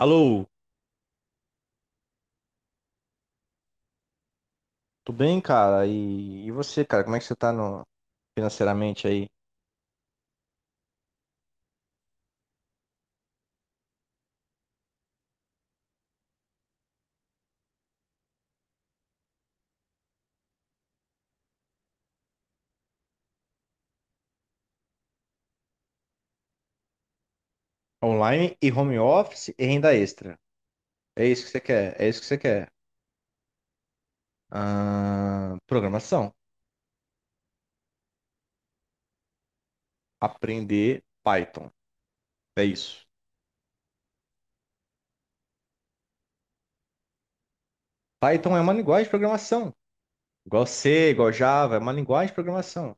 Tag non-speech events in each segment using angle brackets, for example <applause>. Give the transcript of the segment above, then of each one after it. Alô, tudo bem, cara? E você, cara, como é que você tá no, financeiramente aí? Online e home office e renda extra. É isso que você quer, é isso que você quer. Programação. Aprender Python. É isso. Python é uma linguagem de programação. Igual C, igual Java, é uma linguagem de programação.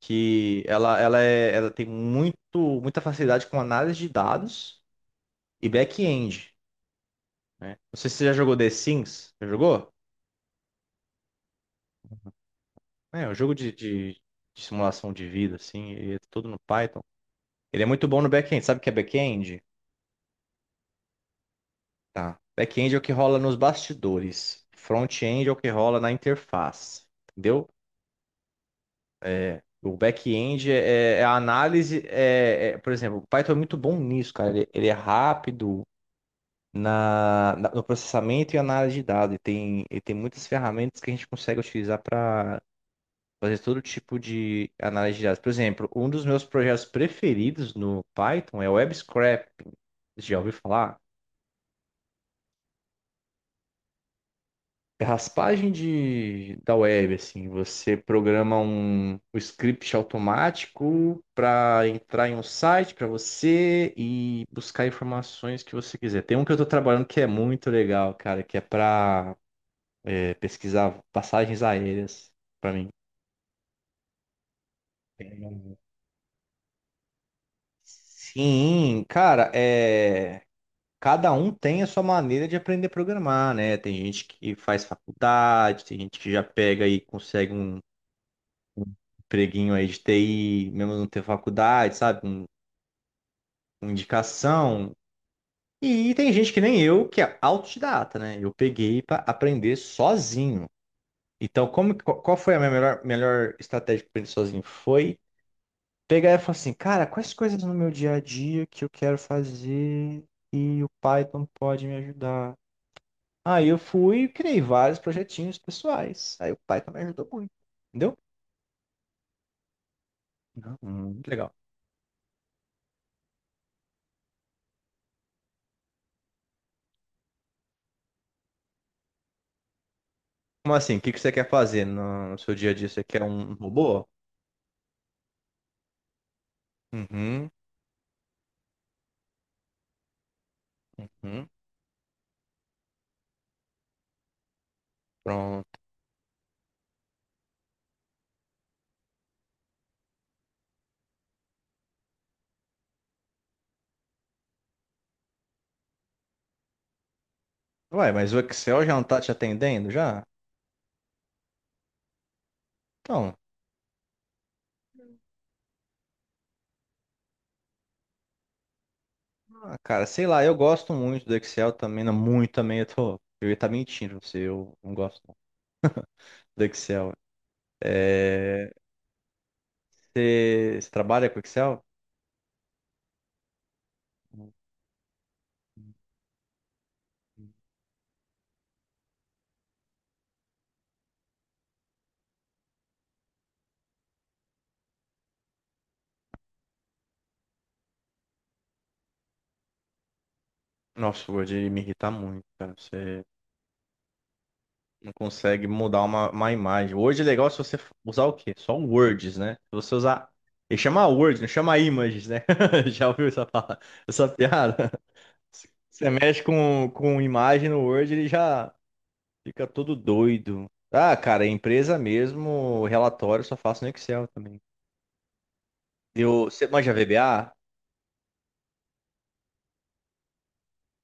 Que ela tem muita facilidade com análise de dados e back-end, né? Não sei se você já jogou The Sims. Já jogou? É, o jogo de simulação de vida, assim, e é tudo no Python. Ele é muito bom no back-end. Sabe o que é back-end? Tá. Back-end é o que rola nos bastidores. Front-end é o que rola na interface. Entendeu? É, o back-end é, é a análise. Por exemplo, o Python é muito bom nisso, cara. Ele é rápido no processamento e análise de dados. Ele tem muitas ferramentas que a gente consegue utilizar para fazer todo tipo de análise de dados. Por exemplo, um dos meus projetos preferidos no Python é o web scraping. Já ouviu falar? É raspagem da web, assim, você programa um script automático para entrar em um site para você e buscar informações que você quiser. Tem um que eu estou trabalhando que é muito legal, cara, que é para pesquisar passagens aéreas para mim. um- Sim, cara, é. Cada um tem a sua maneira de aprender a programar, né? Tem gente que faz faculdade, tem gente que já pega e consegue um empreguinho aí de TI, mesmo não ter faculdade, sabe? Com indicação. E tem gente que nem eu, que é autodidata, né? Eu peguei para aprender sozinho. Então, qual foi a minha melhor estratégia para aprender sozinho? Foi pegar e falar assim, cara, quais coisas no meu dia a dia que eu quero fazer e o Python pode me ajudar? Aí eu fui e criei vários projetinhos pessoais. Aí o pai também ajudou muito, entendeu? Não, muito legal. Como assim? O que que você quer fazer no seu dia a dia? Você quer um robô? Uhum, uhum, pronto. Ué, mas o Excel já não tá te atendendo já? Então, ah, cara, sei lá, eu gosto muito do Excel também, não muito também, eu ia estar mentindo pra você, eu não gosto não do Excel. É, você trabalha com Excel? Nossa, o Word me irrita muito, cara, você... Não consegue mudar uma imagem. Word é legal se você usar o quê? Só um words, né? Se você usar. Ele chama Word, não chama images, né? <laughs> Já ouviu essa, essa piada? <laughs> Você mexe com imagem no Word, ele já fica todo doido. Ah, cara, é empresa mesmo, relatório eu só faço no Excel também. Você manja VBA?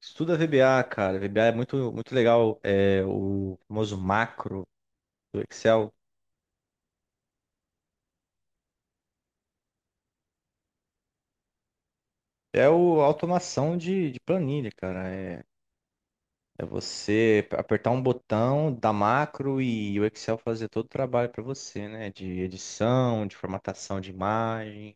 Estuda VBA, cara. VBA é muito, muito legal. É o famoso macro do Excel. É o a automação de planilha, cara. É você apertar um botão da macro e o Excel fazer todo o trabalho para você, né? De edição, de formatação de imagem.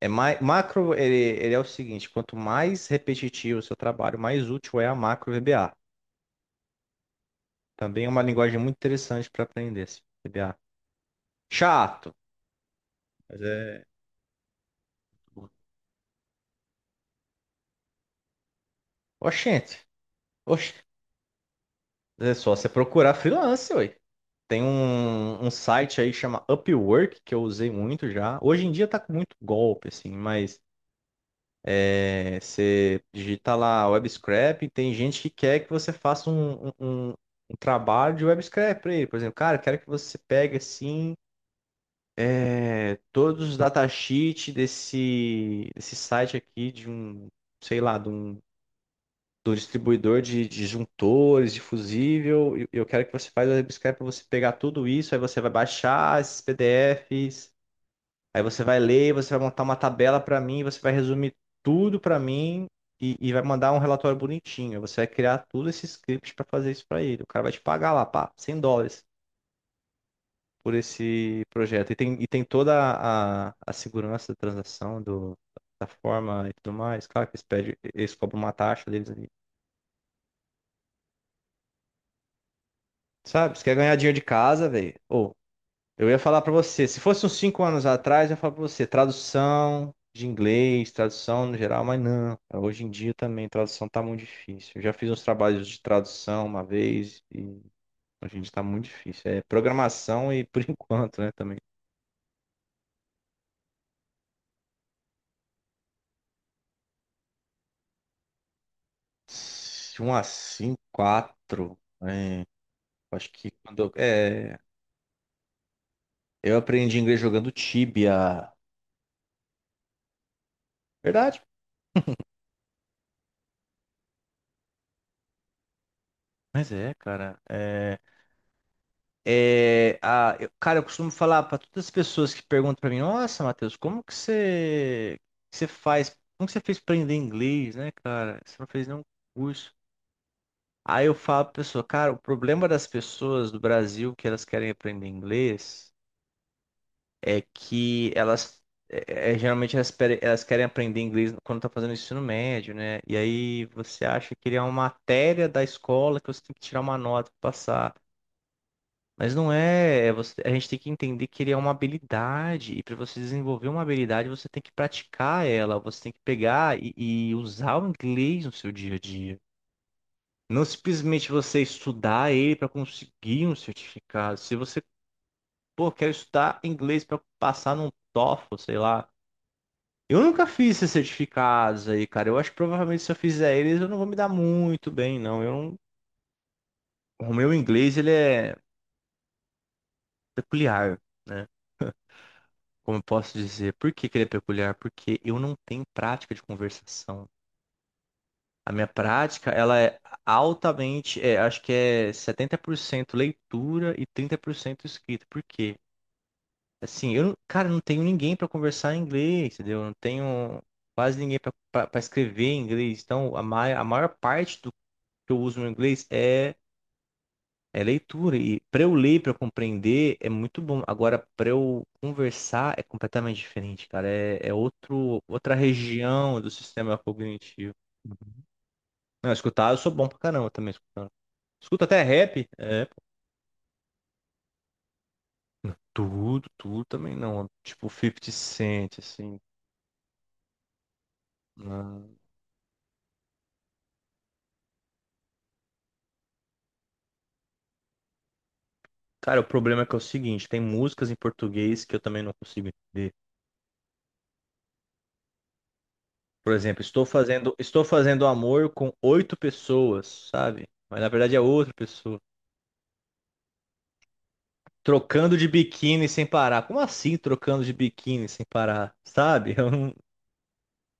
É mais, macro, ele é o seguinte, quanto mais repetitivo o seu trabalho, mais útil é a macro VBA. Também é uma linguagem muito interessante para aprender, esse VBA. Chato, mas é... Oxente, oxe, é só você procurar freelance, ué. Tem um site aí que chama Upwork, que eu usei muito já. Hoje em dia tá com muito golpe, assim, mas... É, você digita lá web scrap, tem gente que quer que você faça um trabalho de web scrap para ele. Por exemplo, cara, eu quero que você pegue assim todos os datasheets desse site aqui de um, sei lá, de um distribuidor de juntores, de fusível. E eu quero que você faça o web scrap para você pegar tudo isso, aí você vai baixar esses PDFs. Aí você vai ler, você vai montar uma tabela para mim, você vai resumir tudo para mim e vai mandar um relatório bonitinho. Você vai criar tudo esse script para fazer isso para ele. O cara vai te pagar lá, pá, US$ 100 por esse projeto. E tem toda a segurança da transação, da forma e tudo mais. Claro que eles pedem, eles cobram uma taxa deles ali. Sabe? Você quer ganhar dinheiro de casa, velho? Ou Eu ia falar pra você, se fosse uns 5 anos atrás, eu ia falar pra você, tradução de inglês, tradução no geral, mas não. Hoje em dia também, tradução tá muito difícil. Eu já fiz uns trabalhos de tradução uma vez e hoje em dia tá muito difícil. É programação e por <laughs> enquanto, né, também. Se Um a cinco, quatro. É, acho que quando eu aprendi inglês jogando Tibia. Verdade. Mas é, cara. Cara, eu costumo falar para todas as pessoas que perguntam para mim, nossa, Matheus, que você faz, como que você fez para aprender inglês, né, cara? Você não fez nenhum curso. Aí eu falo pra pessoa, cara, o problema das pessoas do Brasil que elas querem aprender inglês é que elas, geralmente elas querem aprender inglês quando tá fazendo ensino médio, né? E aí você acha que ele é uma matéria da escola que você tem que tirar uma nota para passar. Mas não é, a gente tem que entender que ele é uma habilidade, e para você desenvolver uma habilidade, você tem que praticar ela, você tem que pegar e usar o inglês no seu dia a dia. Não simplesmente você estudar ele para conseguir um certificado. Se você, pô, quer estudar inglês para passar num TOEFL, sei lá. Eu nunca fiz esses certificados aí, cara. Eu acho que provavelmente se eu fizer eles, eu não vou me dar muito bem, não. Eu não- O meu inglês, ele é peculiar, né? Como eu posso dizer? Por que que ele é peculiar? Porque eu não tenho prática de conversação. A minha prática, ela é altamente, acho que é 70% leitura e 30% escrita. Por quê? Assim, eu, não- cara, eu não tenho ninguém para conversar em inglês, entendeu? Eu não tenho quase ninguém para escrever em inglês. Então, a maior parte do que eu uso no inglês é leitura, e para eu ler, para eu compreender, é muito bom. Agora, para eu conversar, é completamente diferente, cara. É, é outra região do sistema cognitivo. Não, escutar, eu sou bom pra caramba também escutando. Escuto até rap. Tudo, tudo também não. Tipo, 50 Cent, assim. Não. Cara, o problema é que é o seguinte, tem músicas em português que eu também não consigo entender. Por exemplo, estou fazendo amor com oito pessoas, sabe? Mas na verdade é outra pessoa. Trocando de biquíni sem parar. Como assim trocando de biquíni sem parar? Sabe? <laughs> Eu não-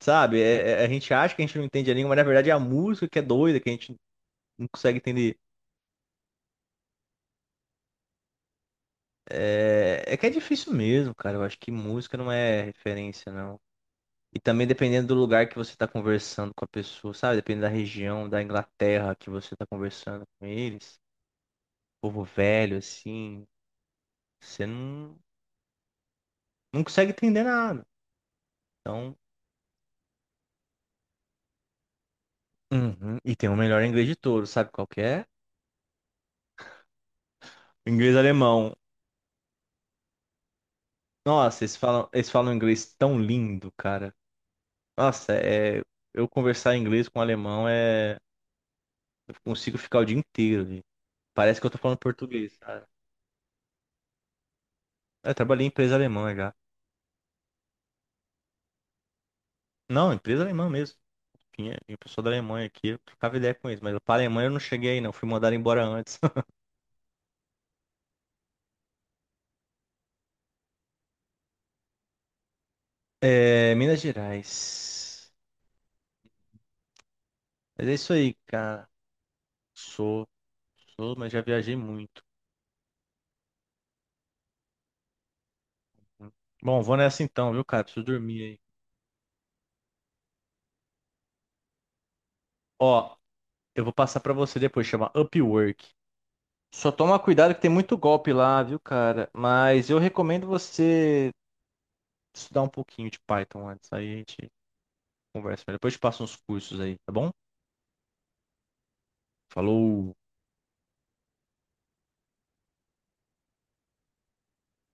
sabe? A gente acha que a gente não entende a língua, mas na verdade é a música que é doida, que a gente não consegue entender. É, é que é difícil mesmo, cara. Eu acho que música não é referência, não. E também dependendo do lugar que você tá conversando com a pessoa, sabe? Dependendo da região, da Inglaterra que você tá conversando com eles. Povo velho, assim. Você não consegue entender nada. Então, uhum. E tem o melhor inglês de todos, sabe qual que é? Inglês e alemão. Nossa, eles falam inglês tão lindo, cara. Nossa, eu conversar inglês com alemão é. Eu consigo ficar o dia inteiro ali. Parece que eu tô falando português, cara. Eu trabalhei em empresa alemã já. Não, empresa alemã mesmo. Tinha pessoa da Alemanha aqui, eu trocava ideia com eles, mas pra Alemanha eu não cheguei aí, não. Fui mandado embora antes. <laughs> É, Minas Gerais. Mas é isso aí, cara. Sou, sou, mas já viajei muito. Bom, vou nessa então, viu, cara? Preciso dormir aí. Ó, eu vou passar pra você depois, chama Upwork. Só toma cuidado que tem muito golpe lá, viu, cara? Mas eu recomendo você estudar um pouquinho de Python antes. Aí a gente conversa melhor. Depois eu te passo uns cursos aí, tá bom? Falou!